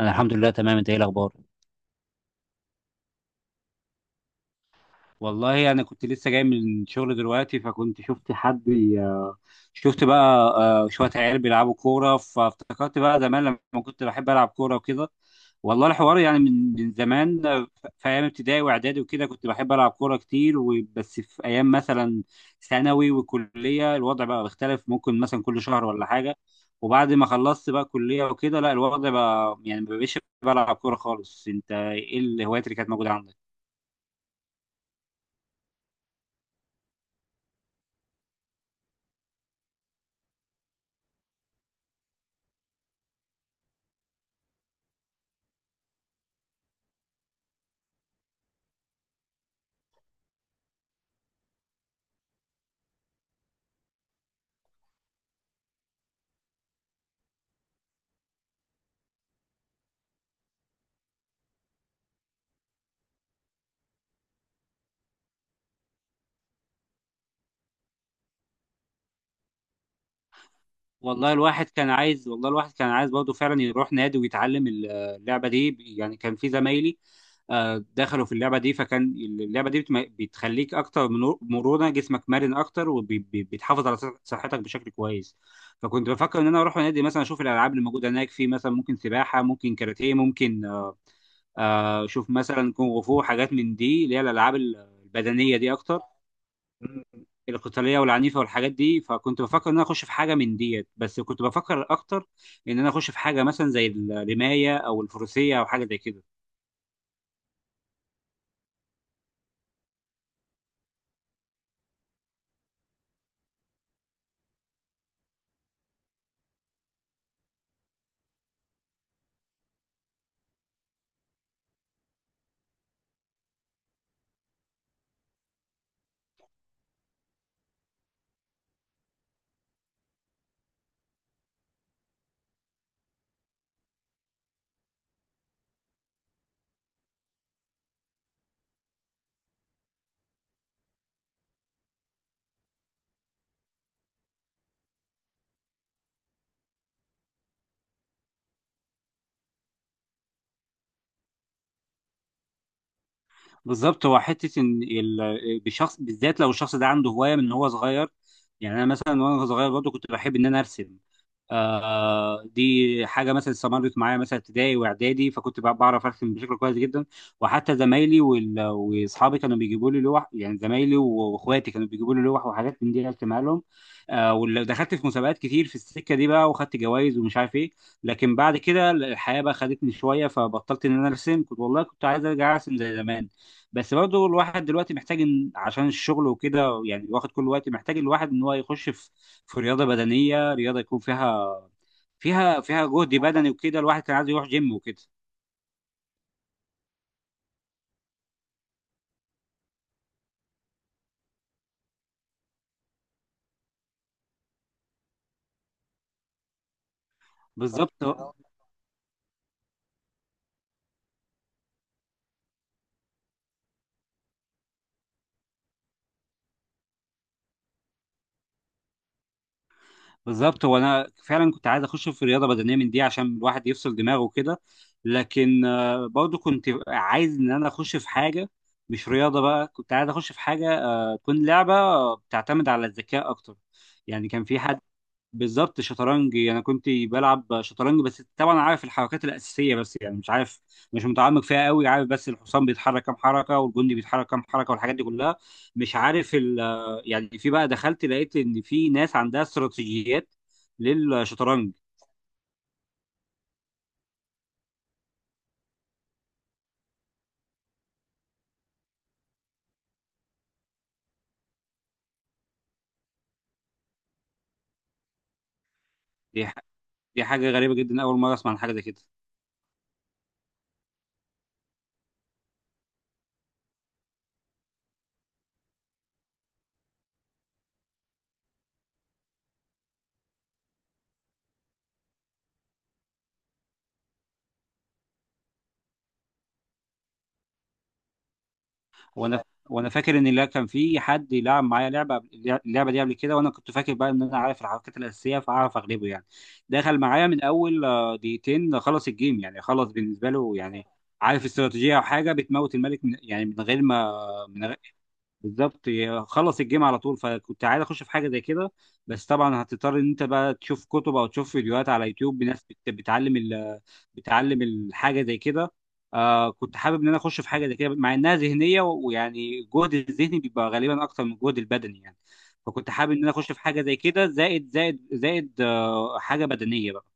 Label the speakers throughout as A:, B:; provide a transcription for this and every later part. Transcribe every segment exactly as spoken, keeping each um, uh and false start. A: انا الحمد لله تمام. انت ايه الاخبار؟ والله انا كنت لسه جاي من الشغل دلوقتي، فكنت شفت حد بي- شفت بقى، آه، شويه عيال بيلعبوا كوره، فافتكرت بقى زمان لما كنت بحب العب كوره وكده. والله الحوار يعني من من زمان. آه، ف- في ايام ابتدائي واعدادي وكده كنت بحب العب كوره كتير، وبس في ايام مثلا ثانوي وكليه الوضع بقى بيختلف، ممكن مثلا كل شهر ولا حاجه. وبعد ما خلصت بقى كليه وكده، لا الوضع بقى يعني ما بقيتش بلعب كوره خالص. انت ايه الهوايات اللي كانت موجوده عندك؟ والله الواحد كان عايز والله الواحد كان عايز برضه فعلا يروح نادي ويتعلم اللعبه دي. يعني كان في زمايلي آه، دخلوا في اللعبه دي، فكان اللعبه دي بتم- بتخليك اكتر، من- مرونه جسمك مرن اكتر، وبتحافظ على صح- صحتك بشكل كويس. فكنت بفكر ان انا اروح نادي مثلا اشوف الالعاب اللي موجوده هناك، في مثلا ممكن سباحه، ممكن كاراتيه، ممكن آه، اشوف مثلا كونغ فو، حاجات من دي اللي هي الالعاب البدنيه دي اكتر. مم. القتاليه والعنيفه والحاجات دي، فكنت بفكر ان انا اخش في حاجه من ديت، بس كنت بفكر اكتر ان انا اخش في حاجه مثلا زي الرمايه او الفروسيه او حاجه زي كده. بالظبط، هو حته ان، ال- بشخص بالذات، لو الشخص ده عنده هوايه من هو صغير. يعني انا مثلا وانا صغير برضه كنت بحب ان انا ارسم، آه، دي حاجه مثلا استمرت معايا مثلا ابتدائي واعدادي، فكنت بع- بعرف ارسم بشكل كويس جدا. وحتى زمايلي وال- واصحابي كانوا بيجيبوا لي لوح، يعني زمايلي و- واخواتي كانوا بيجيبوا لي لوح وحاجات من دي ارسمها لهم. آه، ودخلت في مسابقات كتير في السكه دي بقى، وخدت جوائز ومش عارف ايه. لكن بعد كده الحياه بقى خدتني شويه، فبطلت ان انا ارسم. كنت والله كنت عايز ارجع ارسم زي زمان، بس برضه الواحد دلوقتي محتاج، إن عشان الشغل وكده يعني واخد كل وقت، محتاج الواحد ان هو يخش في في رياضه بدنيه، رياضه يكون فيها فيها فيها جهد بدني وكده، الواحد كان عايز يروح جيم وكده. بالظبط. بالظبط، وانا فعلا كنت عايز اخش في رياضه بدنيه من دي عشان الواحد يفصل دماغه وكده. لكن آه، برضه كنت عايز ان انا اخش في حاجه مش رياضه بقى، كنت عايز اخش في حاجه آه، تكون لعبه بتعتمد على الذكاء اكتر. يعني كان في حد. بالظبط، شطرنج. يعني انا كنت بلعب شطرنج، بس طبعا عارف الحركات الاساسيه بس، يعني مش عارف، مش متعمق فيها قوي. عارف بس الحصان بيتحرك كام حركه والجندي بيتحرك كام حركه والحاجات دي كلها، مش عارف ال. يعني في بقى، دخلت لقيت ان في ناس عندها استراتيجيات للشطرنج. دي ح- دي حاجه غريبه جدا، اول مره اسمع عن حاجه زي كده. وانا وانا فاكر ان لا، كان في حد يلعب معايا لعبه قبل- اللعبه دي قبل كده، وانا كنت فاكر بقى ان انا عارف الحركات الاساسيه، فاعرف اغلبه يعني. دخل معايا من اول آه، دقيقتين، خلص الجيم، يعني خلص بالنسبه له يعني. عارف استراتيجيه او حاجه بتموت الملك من، يعني من غير ما، من غير، بالظبط. ي- خلص الجيم على طول، فكنت عايز اخش في حاجه زي كده. بس طبعا هتضطر ان انت بقى تشوف كتب او تشوف فيديوهات على يوتيوب بناس بت- بتعلم ال، بتعلم الحاجه زي كده. آه كنت حابب ان انا اخش في حاجه زي كده، مع انها ذهنيه، ويعني الجهد الذهني بيبقى غالبا اكتر من الجهد البدني يعني. فكنت حابب ان انا اخش في حاجه زي كده، زائد زائد زائد آه حاجه بدنيه بقى.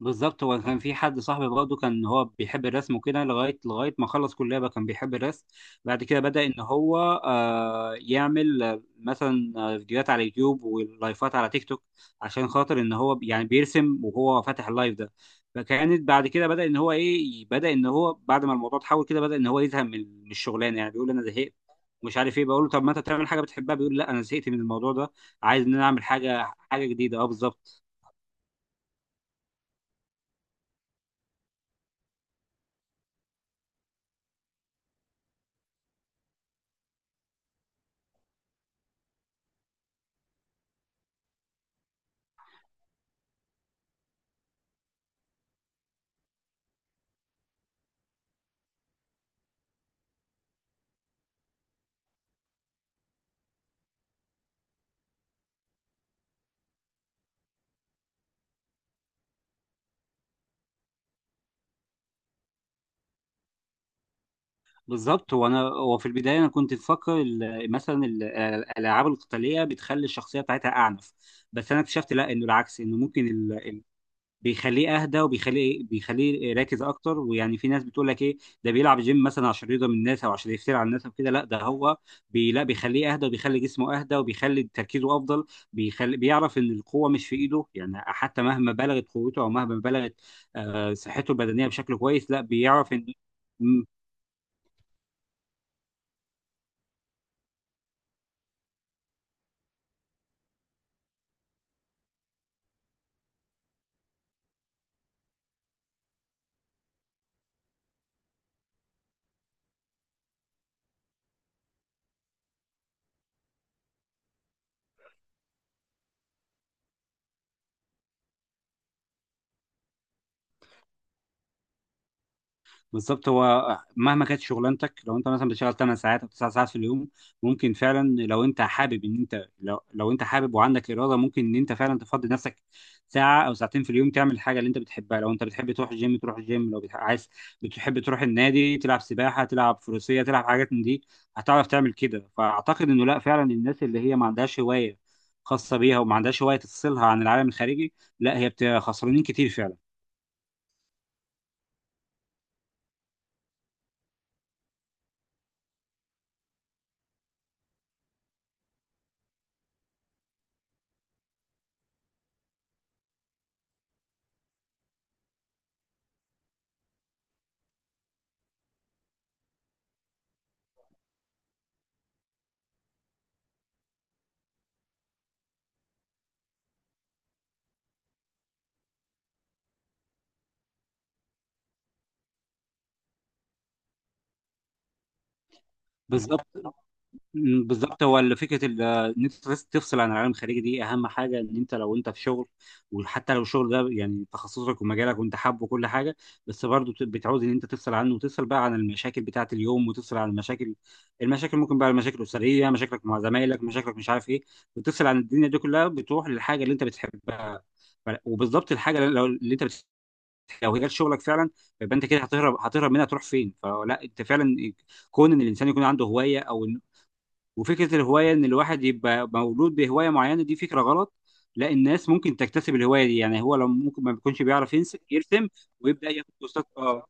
A: بالظبط. هو كان في حد صاحبي برضه كان هو بيحب الرسم وكده، لغايه لغايه ما خلص كليه بقى كان بيحب الرسم. بعد كده بدأ ان هو آه يعمل آه، مثلا آه، فيديوهات على يوتيوب ولايفات على تيك توك، عشان خاطر ان هو بي- يعني بيرسم وهو فاتح اللايف ده. فكانت بعد كده بدأ ان هو ايه، بدأ ان هو بعد ما الموضوع اتحول كده بدأ ان هو يزهق من من الشغلانه. يعني بيقول انا زهقت مش عارف ايه، بقول له طب ما انت تعمل حاجه بتحبها، بيقول لا انا زهقت من الموضوع ده، عايز ان انا اعمل حاجه حاجه جديده. اه، بالظبط. بالظبط، هو انا هو في البدايه انا كنت مفكر ال، مثلا ال- الالعاب القتاليه بتخلي الشخصيه بتاعتها اعنف. بس انا اكتشفت لا، انه العكس، انه ممكن ال، ال، بيخليه اهدى، وبيخليه إيه، بيخليه راكز اكتر. ويعني في ناس بتقول لك ايه، ده بيلعب جيم مثلا عشان يرضى من الناس، او عشان يفتري على الناس او كده، لا ده هو بي، لا بيخليه اهدى، وبيخلي جسمه اهدى، وبيخلي تركيزه افضل. بيخلي بيعرف ان القوه مش في ايده، يعني حتى مهما بلغت قوته، او مهما بلغت آه، صحته البدنيه بشكل كويس، لا بيعرف ان. بالظبط، هو مهما كانت شغلانتك، لو انت مثلا بتشتغل 8 ساعات او 9 ساعات في اليوم، ممكن فعلا لو انت حابب، ان انت لو, لو انت حابب وعندك اراده، ممكن ان انت فعلا تفضي نفسك ساعه او ساعتين في اليوم تعمل الحاجه اللي انت بتحبها. لو انت بتحب تروح الجيم تروح الجيم، لو بتح- عايز بتحب تروح النادي، تلعب سباحه، تلعب فروسيه، تلعب حاجات من دي، هتعرف تعمل كده. فاعتقد انه لا، فعلا الناس اللي هي ما عندهاش هوايه خاصه بيها، وما عندهاش هوايه تفصلها عن العالم الخارجي، لا هي بت- خسرانين كتير فعلا. بالظبط. مم، بالظبط، هو ال- فكره ال- آه، ان انت تفص- تفصل عن العالم الخارجي، دي اهم حاجه. ان انت لو انت في شغل، وحتى لو الشغل ده يعني تخصصك ومجالك وانت حابه وكل حاجه، بس برضه بت- بتعوز ان انت تفصل عنه، وتفصل بقى عن المشاكل بتاعه اليوم، وتفصل عن المشاكل، المشاكل ممكن بقى المشاكل الاسريه، مشاكلك مع زمايلك، مشاكلك مش عارف ايه، وتفصل عن الدنيا دي كلها بتروح للحاجه اللي انت بتحبها. ف- وبالظبط الحاجه اللي لو اللي انت بتحبها، لو هي جت شغلك فعلا، يبقى انت كده هتهرب، هتهرب منها تروح فين؟ فلا، انت فعلا، كون ان الانسان يكون عنده هوايه، او وفكره الهوايه ان الواحد يبقى مولود بهوايه معينه، دي فكره غلط. لا، الناس ممكن تكتسب الهوايه دي، يعني هو لو ممكن ما بيكونش بيعرف ينس- يرسم، ويبدا ياخد كورسات. اه،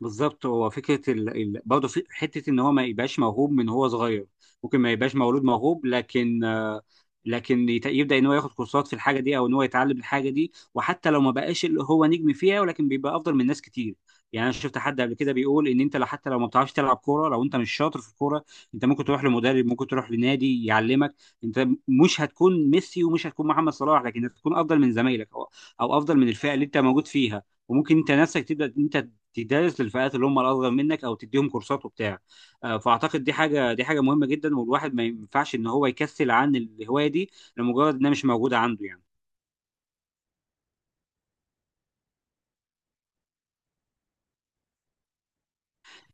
A: بالظبط. هو فكره ال، ال، برضه في حته ان هو ما يبقاش موهوب من هو صغير، ممكن ما يبقاش مولود موهوب، لكن آه، لكن يت- يبدا ان هو ياخد كورسات في الحاجه دي، او ان هو يتعلم الحاجه دي، وحتى لو ما بقاش اللي هو نجم فيها، ولكن بيبقى افضل من ناس كتير. يعني انا شفت حد قبل كده بيقول ان انت لو حتى لو ما بتعرفش تلعب كوره، لو انت مش شاطر في الكوره، انت ممكن تروح لمدرب، ممكن تروح لنادي يعلمك. انت مش هتكون ميسي ومش هتكون محمد صلاح، لكن هتكون افضل من زمايلك، او او افضل من الفئه اللي انت موجود فيها، وممكن انت نفسك تبدا انت تدرس للفئات اللي هم الاصغر منك، او تديهم كورسات وبتاع. آه، فاعتقد دي حاجه، دي حاجه مهمه جدا، والواحد ما ينفعش ان هو يكسل عن الهوايه دي لمجرد انها مش موجوده عنده يعني.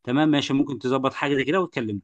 A: تمام ماشي، ممكن تظبط حاجه زي كده وتكلمني.